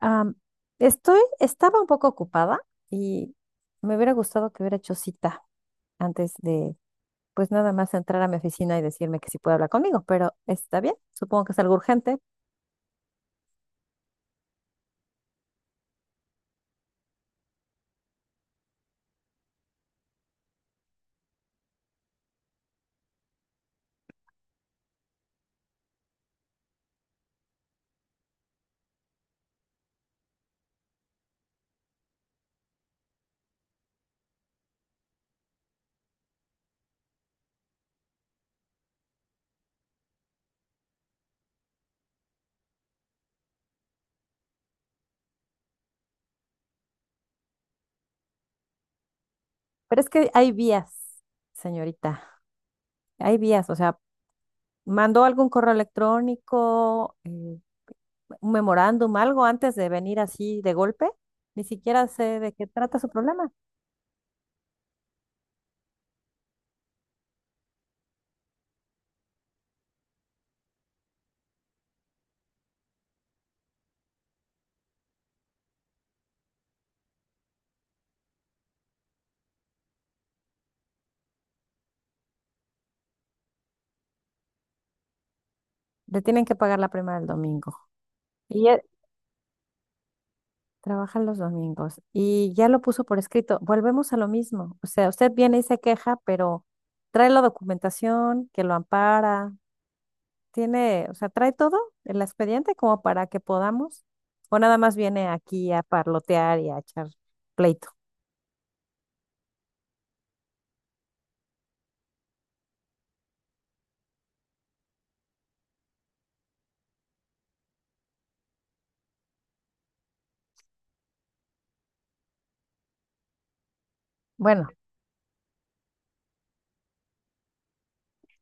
Am, Estaba un poco ocupada y me hubiera gustado que hubiera hecho cita antes de, pues nada más entrar a mi oficina y decirme que sí puede hablar conmigo, pero está bien, supongo que es algo urgente, pero es que hay vías, señorita, hay vías, o sea, mandó algún correo electrónico, un memorándum, algo antes de venir así de golpe, ni siquiera sé de qué trata su problema. Le tienen que pagar la prima del domingo. Y e- Trabaja los domingos y ya lo puso por escrito. Volvemos a lo mismo. O sea, usted viene y se queja, pero trae la documentación que lo ampara, tiene, o sea, trae todo el expediente como para que podamos, o nada más viene aquí a parlotear y a echar pleito. Bueno,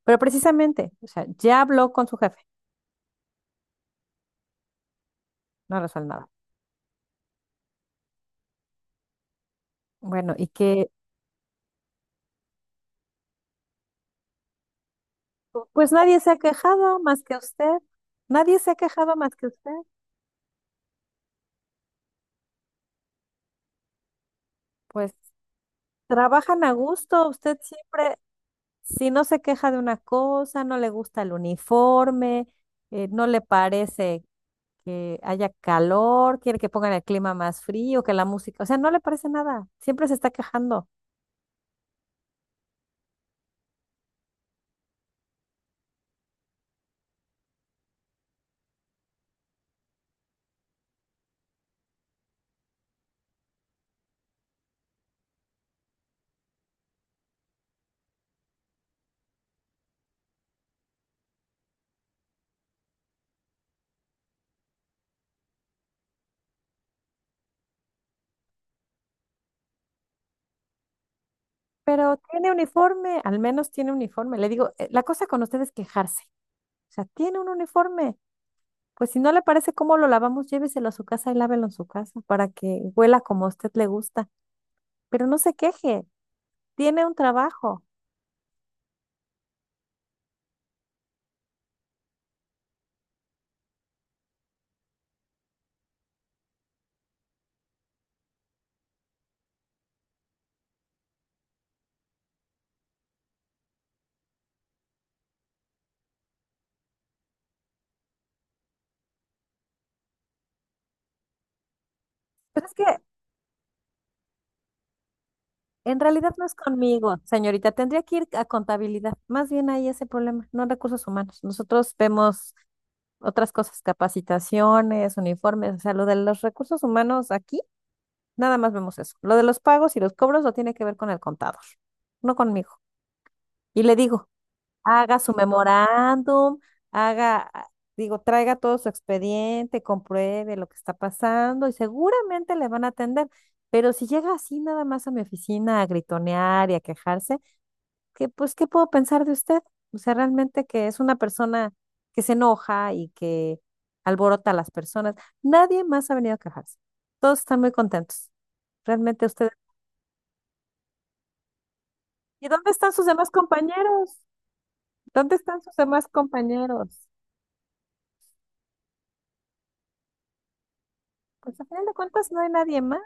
pero precisamente, o sea, ya habló con su jefe, no resuelve nada. Bueno, y que pues nadie se ha quejado más que usted. Nadie se ha quejado más que usted. Pues trabajan a gusto, usted siempre Si no se queja de una cosa, no le gusta el uniforme, no le parece que haya calor, quiere que pongan el clima más frío, que la música, o sea, no le parece nada, siempre se está quejando, pero tiene uniforme, al menos tiene uniforme. Le digo: la cosa con usted es quejarse, o sea, tiene un uniforme, pues si no le parece cómo lo lavamos, lléveselo a su casa y lávelo en su casa para que huela como a usted le gusta, pero no se queje, tiene un trabajo". Pero es que En realidad no es conmigo, señorita. Tendría que ir a contabilidad. Más bien ahí ese problema, no en recursos humanos. Nosotros vemos otras cosas, capacitaciones, uniformes, o sea, lo de los recursos humanos aquí, nada más vemos eso. Lo de los pagos y los cobros lo tiene que ver con el contador, no conmigo. Y le digo, haga su memorándum, haga, ah, digo, traiga todo su expediente, compruebe lo que está pasando y seguramente le van a atender. Pero si llega así nada más a mi oficina a gritonear y a quejarse, que pues, ¿qué puedo pensar de usted? O sea, realmente que es una persona que se enoja y que alborota a las personas. Nadie más ha venido a quejarse. Todos están muy contentos. Realmente usted. ¿Y dónde están sus demás compañeros? ¿Dónde están sus demás compañeros? Pues a final de cuentas no hay nadie más.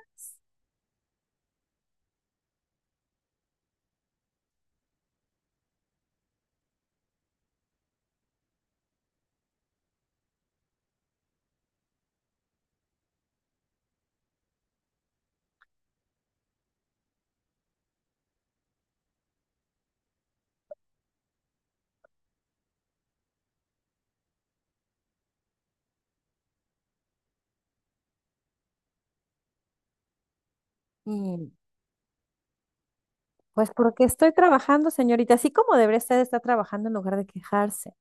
Mm, Pues porque estoy trabajando, señorita, así como debería usted estar trabajando en lugar de quejarse.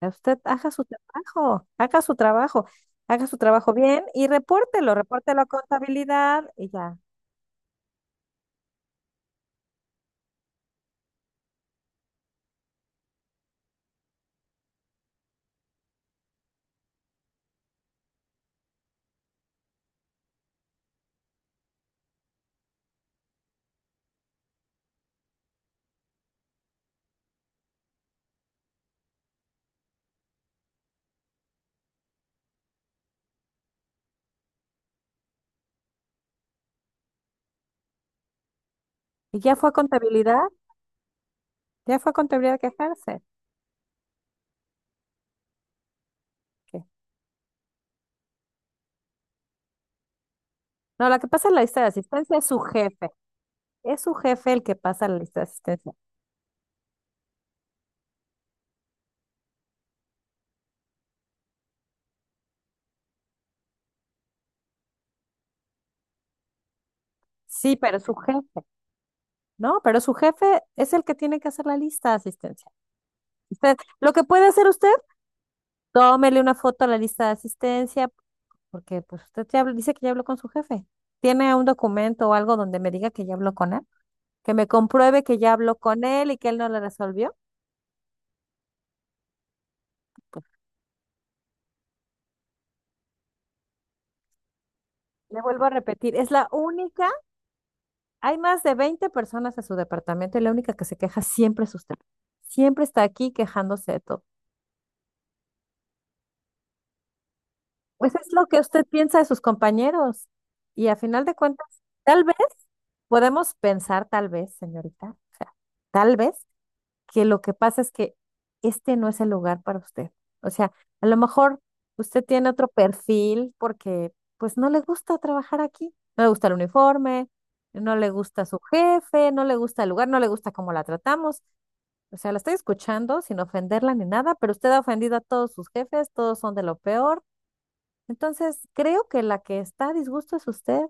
Usted haga su trabajo, haga su trabajo, haga su trabajo bien y repórtelo, repórtelo a contabilidad y ya. Y ya fue a contabilidad, ya fue a contabilidad a quejarse. ¿Qué? No, la que pasa en la lista de asistencia es su jefe. Es su jefe el que pasa la lista de asistencia. Sí, pero es su jefe. No, pero su jefe es el que tiene que hacer la lista de asistencia. Usted, lo que puede hacer usted, tómele una foto a la lista de asistencia. Porque pues dice que ya habló con su jefe. ¿Tiene un documento o algo donde me diga que ya habló con él? Que me compruebe que ya habló con él y que él no lo resolvió. Pues, le vuelvo a repetir, es la única, hay más de 20 personas en su departamento y la única que se queja siempre es usted. Siempre está aquí quejándose de todo. Pues es lo que usted piensa de sus compañeros. Y a final de cuentas, tal vez podemos pensar, tal vez, señorita, o sea, tal vez que lo que pasa es que este no es el lugar para usted. O sea, a lo mejor usted tiene otro perfil porque pues no le gusta trabajar aquí, no le gusta el uniforme, no le gusta su jefe, no le gusta el lugar, no le gusta cómo la tratamos. O sea, la estoy escuchando sin ofenderla ni nada, pero usted ha ofendido a todos sus jefes, todos son de lo peor. Entonces, creo que la que está a disgusto es usted.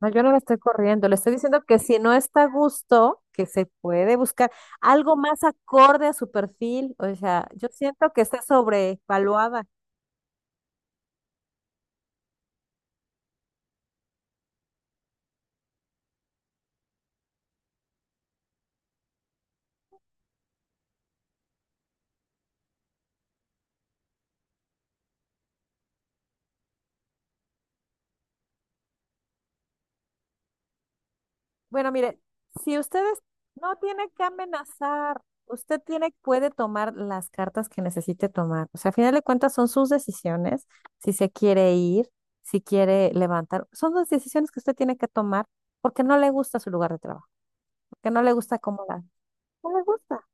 No, yo no la estoy corriendo, le estoy diciendo que si no está a gusto, que se puede buscar algo más acorde a su perfil. O sea, yo siento que está sobrevaluada. Bueno, mire, si ustedes no tiene que amenazar, usted tiene, puede tomar las cartas que necesite tomar. O sea, a final de cuentas son sus decisiones, si se quiere ir, si quiere levantar, son las decisiones que usted tiene que tomar porque no le gusta su lugar de trabajo, porque no le gusta cómo la, no le gusta.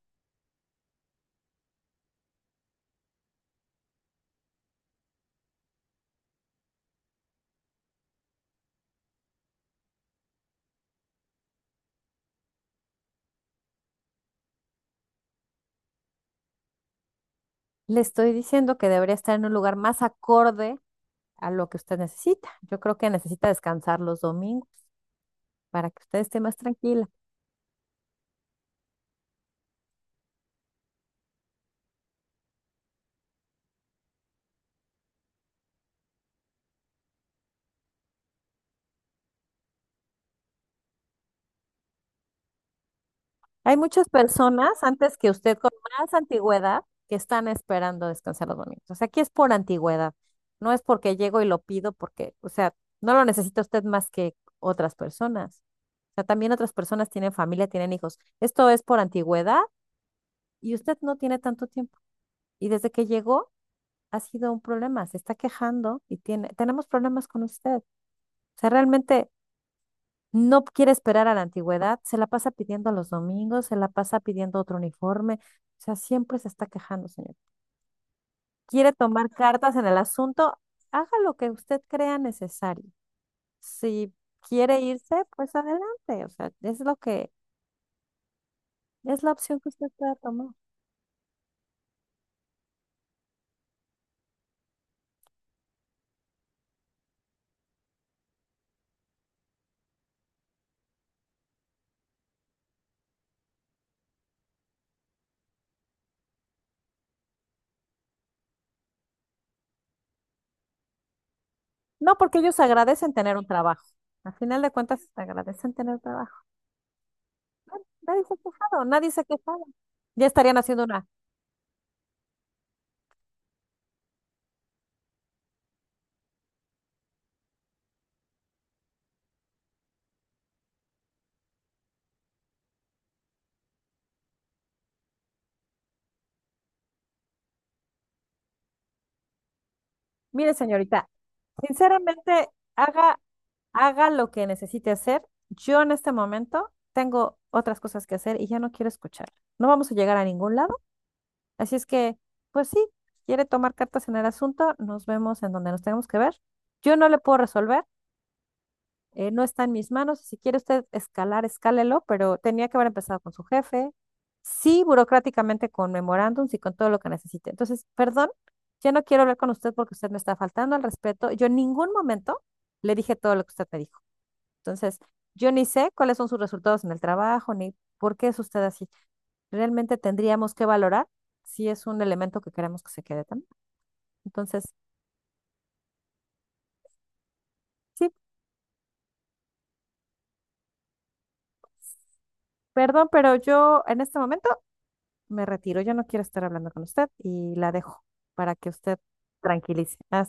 Le estoy diciendo que debería estar en un lugar más acorde a lo que usted necesita. Yo creo que necesita descansar los domingos para que usted esté más tranquila. Hay muchas personas antes que usted con más antigüedad que están esperando descansar los domingos. O sea, aquí es por antigüedad. No es porque llego y lo pido porque, o sea, no lo necesita usted más que otras personas. O sea, también otras personas tienen familia, tienen hijos. Esto es por antigüedad y usted no tiene tanto tiempo. Y desde que llegó, ha sido un problema, se está quejando y tiene, tenemos problemas con usted. O sea, realmente no quiere esperar a la antigüedad, se la pasa pidiendo los domingos, se la pasa pidiendo otro uniforme, o sea, siempre se está quejando, señor. Quiere tomar cartas en el asunto, haga lo que usted crea necesario. Si quiere irse, pues adelante, o sea, es lo que, es la opción que usted pueda tomar. No, porque ellos agradecen tener un trabajo. Al final de cuentas, agradecen tener trabajo. Nadie se ha quejado, nadie se ha quejado. Ya estarían haciendo una. Mire, señorita, sinceramente, haga, haga lo que necesite hacer. Yo en este momento tengo otras cosas que hacer y ya no quiero escuchar. No vamos a llegar a ningún lado. Así es que, pues sí, quiere tomar cartas en el asunto, nos vemos en donde nos tenemos que ver. Yo no le puedo resolver, no está en mis manos. Si quiere usted escalar, escálelo, pero tenía que haber empezado con su jefe, sí, burocráticamente con memorándums y con todo lo que necesite. Entonces, perdón, ya no quiero hablar con usted porque usted me está faltando al respeto. Yo en ningún momento le dije todo lo que usted me dijo. Entonces, yo ni sé cuáles son sus resultados en el trabajo, ni por qué es usted así. Realmente tendríamos que valorar si es un elemento que queremos que se quede también. Entonces, sí, perdón, pero yo en este momento me retiro, yo no quiero estar hablando con usted y la dejo para que usted tranquilice. Hasta